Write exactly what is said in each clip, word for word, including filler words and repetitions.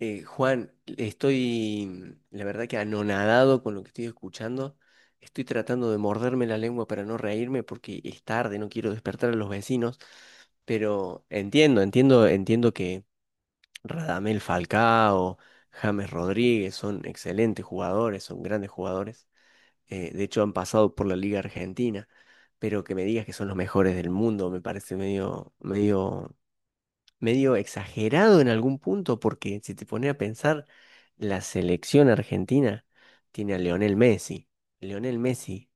Eh, Juan, estoy, la verdad que anonadado con lo que estoy escuchando. Estoy tratando de morderme la lengua para no reírme porque es tarde, no quiero despertar a los vecinos, pero entiendo, entiendo, entiendo que Radamel Falcao, James Rodríguez son excelentes jugadores, son grandes jugadores. Eh, de hecho, han pasado por la Liga Argentina, pero que me digas que son los mejores del mundo me parece medio, medio medio exagerado en algún punto, porque si te pones a pensar, la selección argentina tiene a Lionel Messi. Lionel Messi,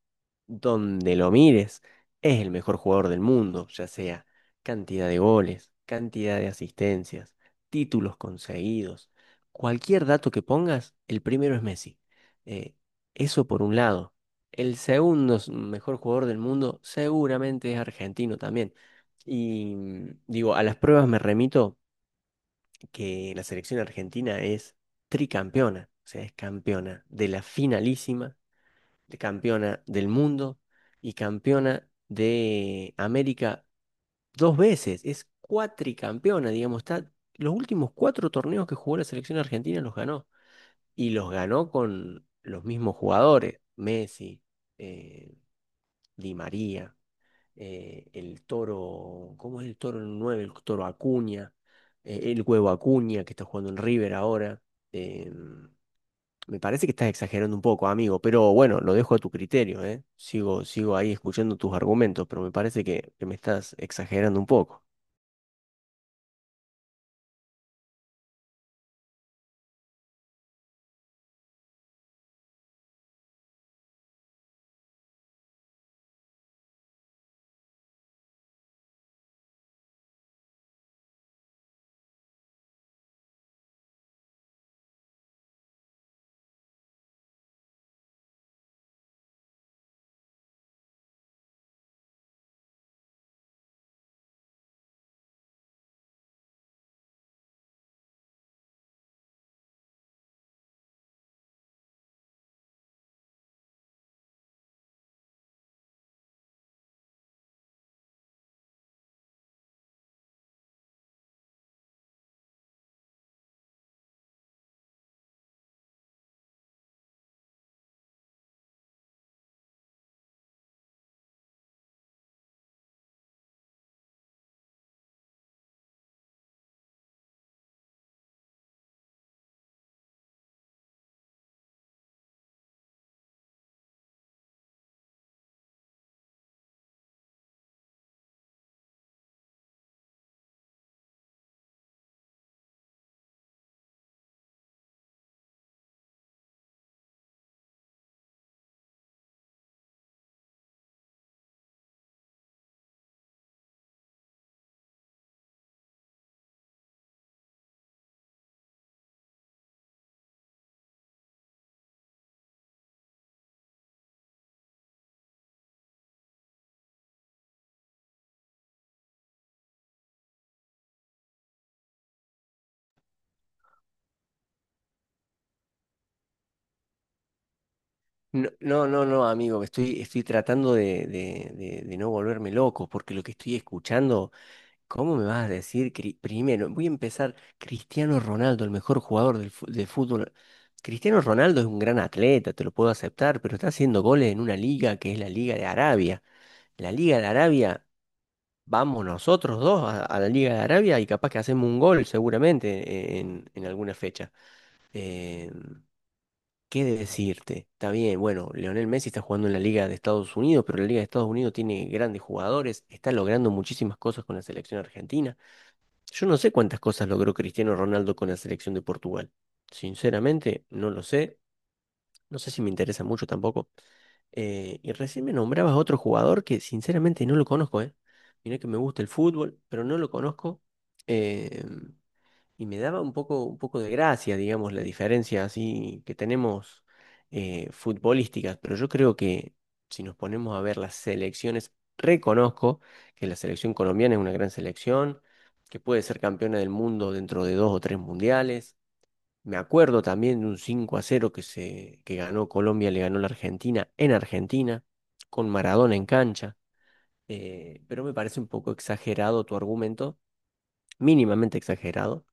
donde lo mires, es el mejor jugador del mundo, ya sea cantidad de goles, cantidad de asistencias, títulos conseguidos. Cualquier dato que pongas, el primero es Messi. Eh, Eso por un lado. El segundo s- mejor jugador del mundo seguramente es argentino también. Y mm, digo, a las pruebas me remito que la selección argentina es tricampeona, o sea, es campeona de la finalísima, de campeona del mundo y campeona de América dos veces, es cuatricampeona, digamos, está, los últimos cuatro torneos que jugó la selección argentina los ganó y los ganó con los mismos jugadores, Messi, eh, Di María, eh, el toro, ¿cómo es el toro nueve? El toro Acuña, eh, el huevo Acuña, que está jugando en River ahora. Eh, Me parece que estás exagerando un poco, amigo, pero bueno, lo dejo a tu criterio, ¿eh? Sigo, sigo ahí escuchando tus argumentos, pero me parece que, que me estás exagerando un poco. No, no, no, no, amigo, estoy, estoy tratando de, de, de, de no volverme loco, porque lo que estoy escuchando. ¿Cómo me vas a decir cri- primero? Voy a empezar. Cristiano Ronaldo, el mejor jugador del fu- de fútbol. Cristiano Ronaldo es un gran atleta, te lo puedo aceptar, pero está haciendo goles en una liga que es la Liga de Arabia. La Liga de Arabia, vamos nosotros dos a, a la Liga de Arabia y capaz que hacemos un gol seguramente en, en alguna fecha. Eh, ¿Qué decirte? Está bien, bueno, Lionel Messi está jugando en la Liga de Estados Unidos, pero la Liga de Estados Unidos tiene grandes jugadores, está logrando muchísimas cosas con la selección argentina. Yo no sé cuántas cosas logró Cristiano Ronaldo con la selección de Portugal. Sinceramente, no lo sé. No sé si me interesa mucho tampoco. Eh, y recién me nombrabas a otro jugador que sinceramente no lo conozco, ¿eh? Mirá que me gusta el fútbol, pero no lo conozco. Eh, y me daba un poco, un poco de gracia, digamos, la diferencia así que tenemos eh, futbolísticas, pero yo creo que si nos ponemos a ver las selecciones, reconozco que la selección colombiana es una gran selección, que puede ser campeona del mundo dentro de dos o tres mundiales. Me acuerdo también de un cinco a cero que se, que ganó Colombia, le ganó la Argentina en Argentina, con Maradona en cancha. Eh, pero me parece un poco exagerado tu argumento, mínimamente exagerado,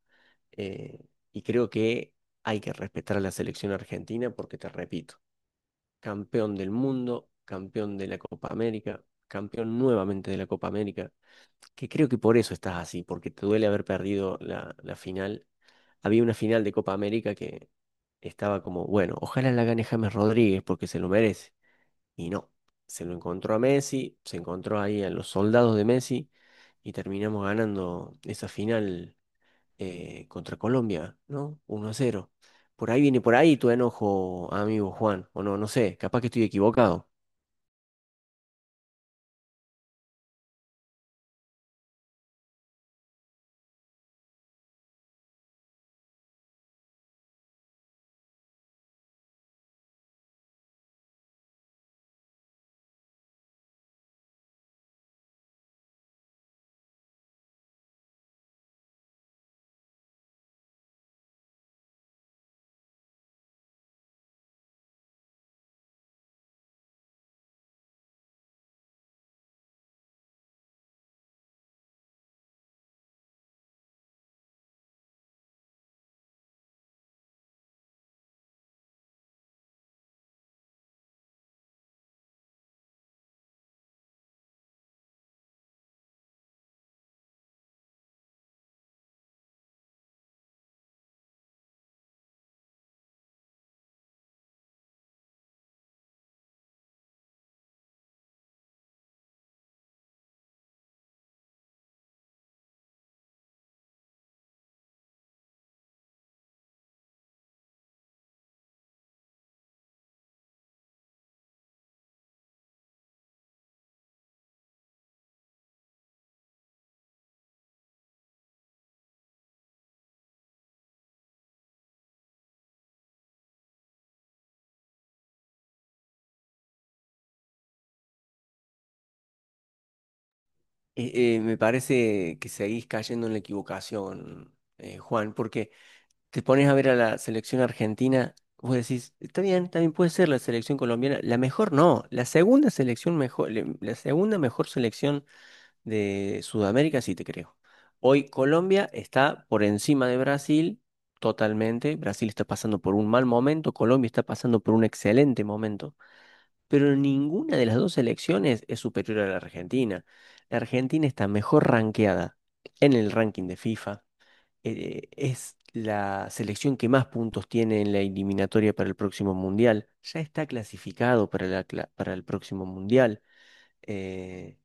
eh, y creo que hay que respetar a la selección argentina porque, te repito, campeón del mundo, campeón de la Copa América, campeón nuevamente de la Copa América, que creo que por eso estás así, porque te duele haber perdido la, la final. Había una final de Copa América que estaba como, bueno, ojalá la gane James Rodríguez porque se lo merece. Y no, se lo encontró a Messi, se encontró ahí a los soldados de Messi y terminamos ganando esa final eh, contra Colombia, ¿no? Uno a cero. Por ahí viene por ahí tu enojo, amigo Juan, o no, no sé, capaz que estoy equivocado. Eh, eh, me parece que seguís cayendo en la equivocación, eh, Juan, porque te pones a ver a la selección argentina, vos decís, está bien, también puede ser la selección colombiana, la mejor no, la segunda selección mejor, le- la segunda mejor selección de Sudamérica, sí te creo. Hoy Colombia está por encima de Brasil totalmente. Brasil está pasando por un mal momento, Colombia está pasando por un excelente momento, pero ninguna de las dos selecciones es superior a la Argentina. La Argentina está mejor rankeada en el ranking de FIFA. Eh, es la selección que más puntos tiene en la eliminatoria para el próximo mundial. Ya está clasificado para la cla- para el próximo mundial. eh,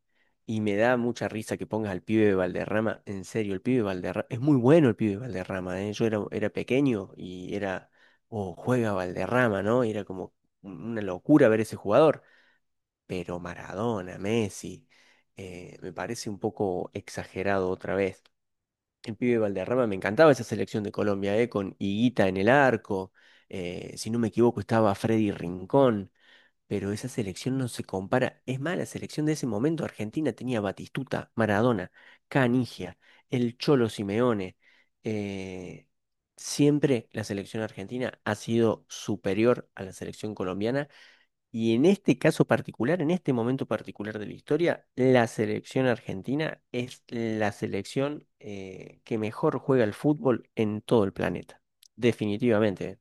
y me da mucha risa que pongas al pibe de Valderrama. En serio, el pibe de Valderrama. Es muy bueno el pibe de Valderrama, ¿eh? Yo era, era pequeño y era. Oh, juega Valderrama, ¿no? Y era como una locura ver ese jugador. Pero Maradona, Messi, eh, me parece un poco exagerado otra vez. El pibe de Valderrama, me encantaba esa selección de Colombia, ¿eh? Con Higuita en el arco. Eh, si no me equivoco, estaba Freddy Rincón. Pero esa selección no se compara. Es más, la selección de ese momento, Argentina tenía Batistuta, Maradona, Canigia, el Cholo Simeone. eh, Siempre la selección argentina ha sido superior a la selección colombiana. Y en este caso particular, en este momento particular de la historia, la selección argentina es la selección eh, que mejor juega al fútbol en todo el planeta. Definitivamente. ¿Eh?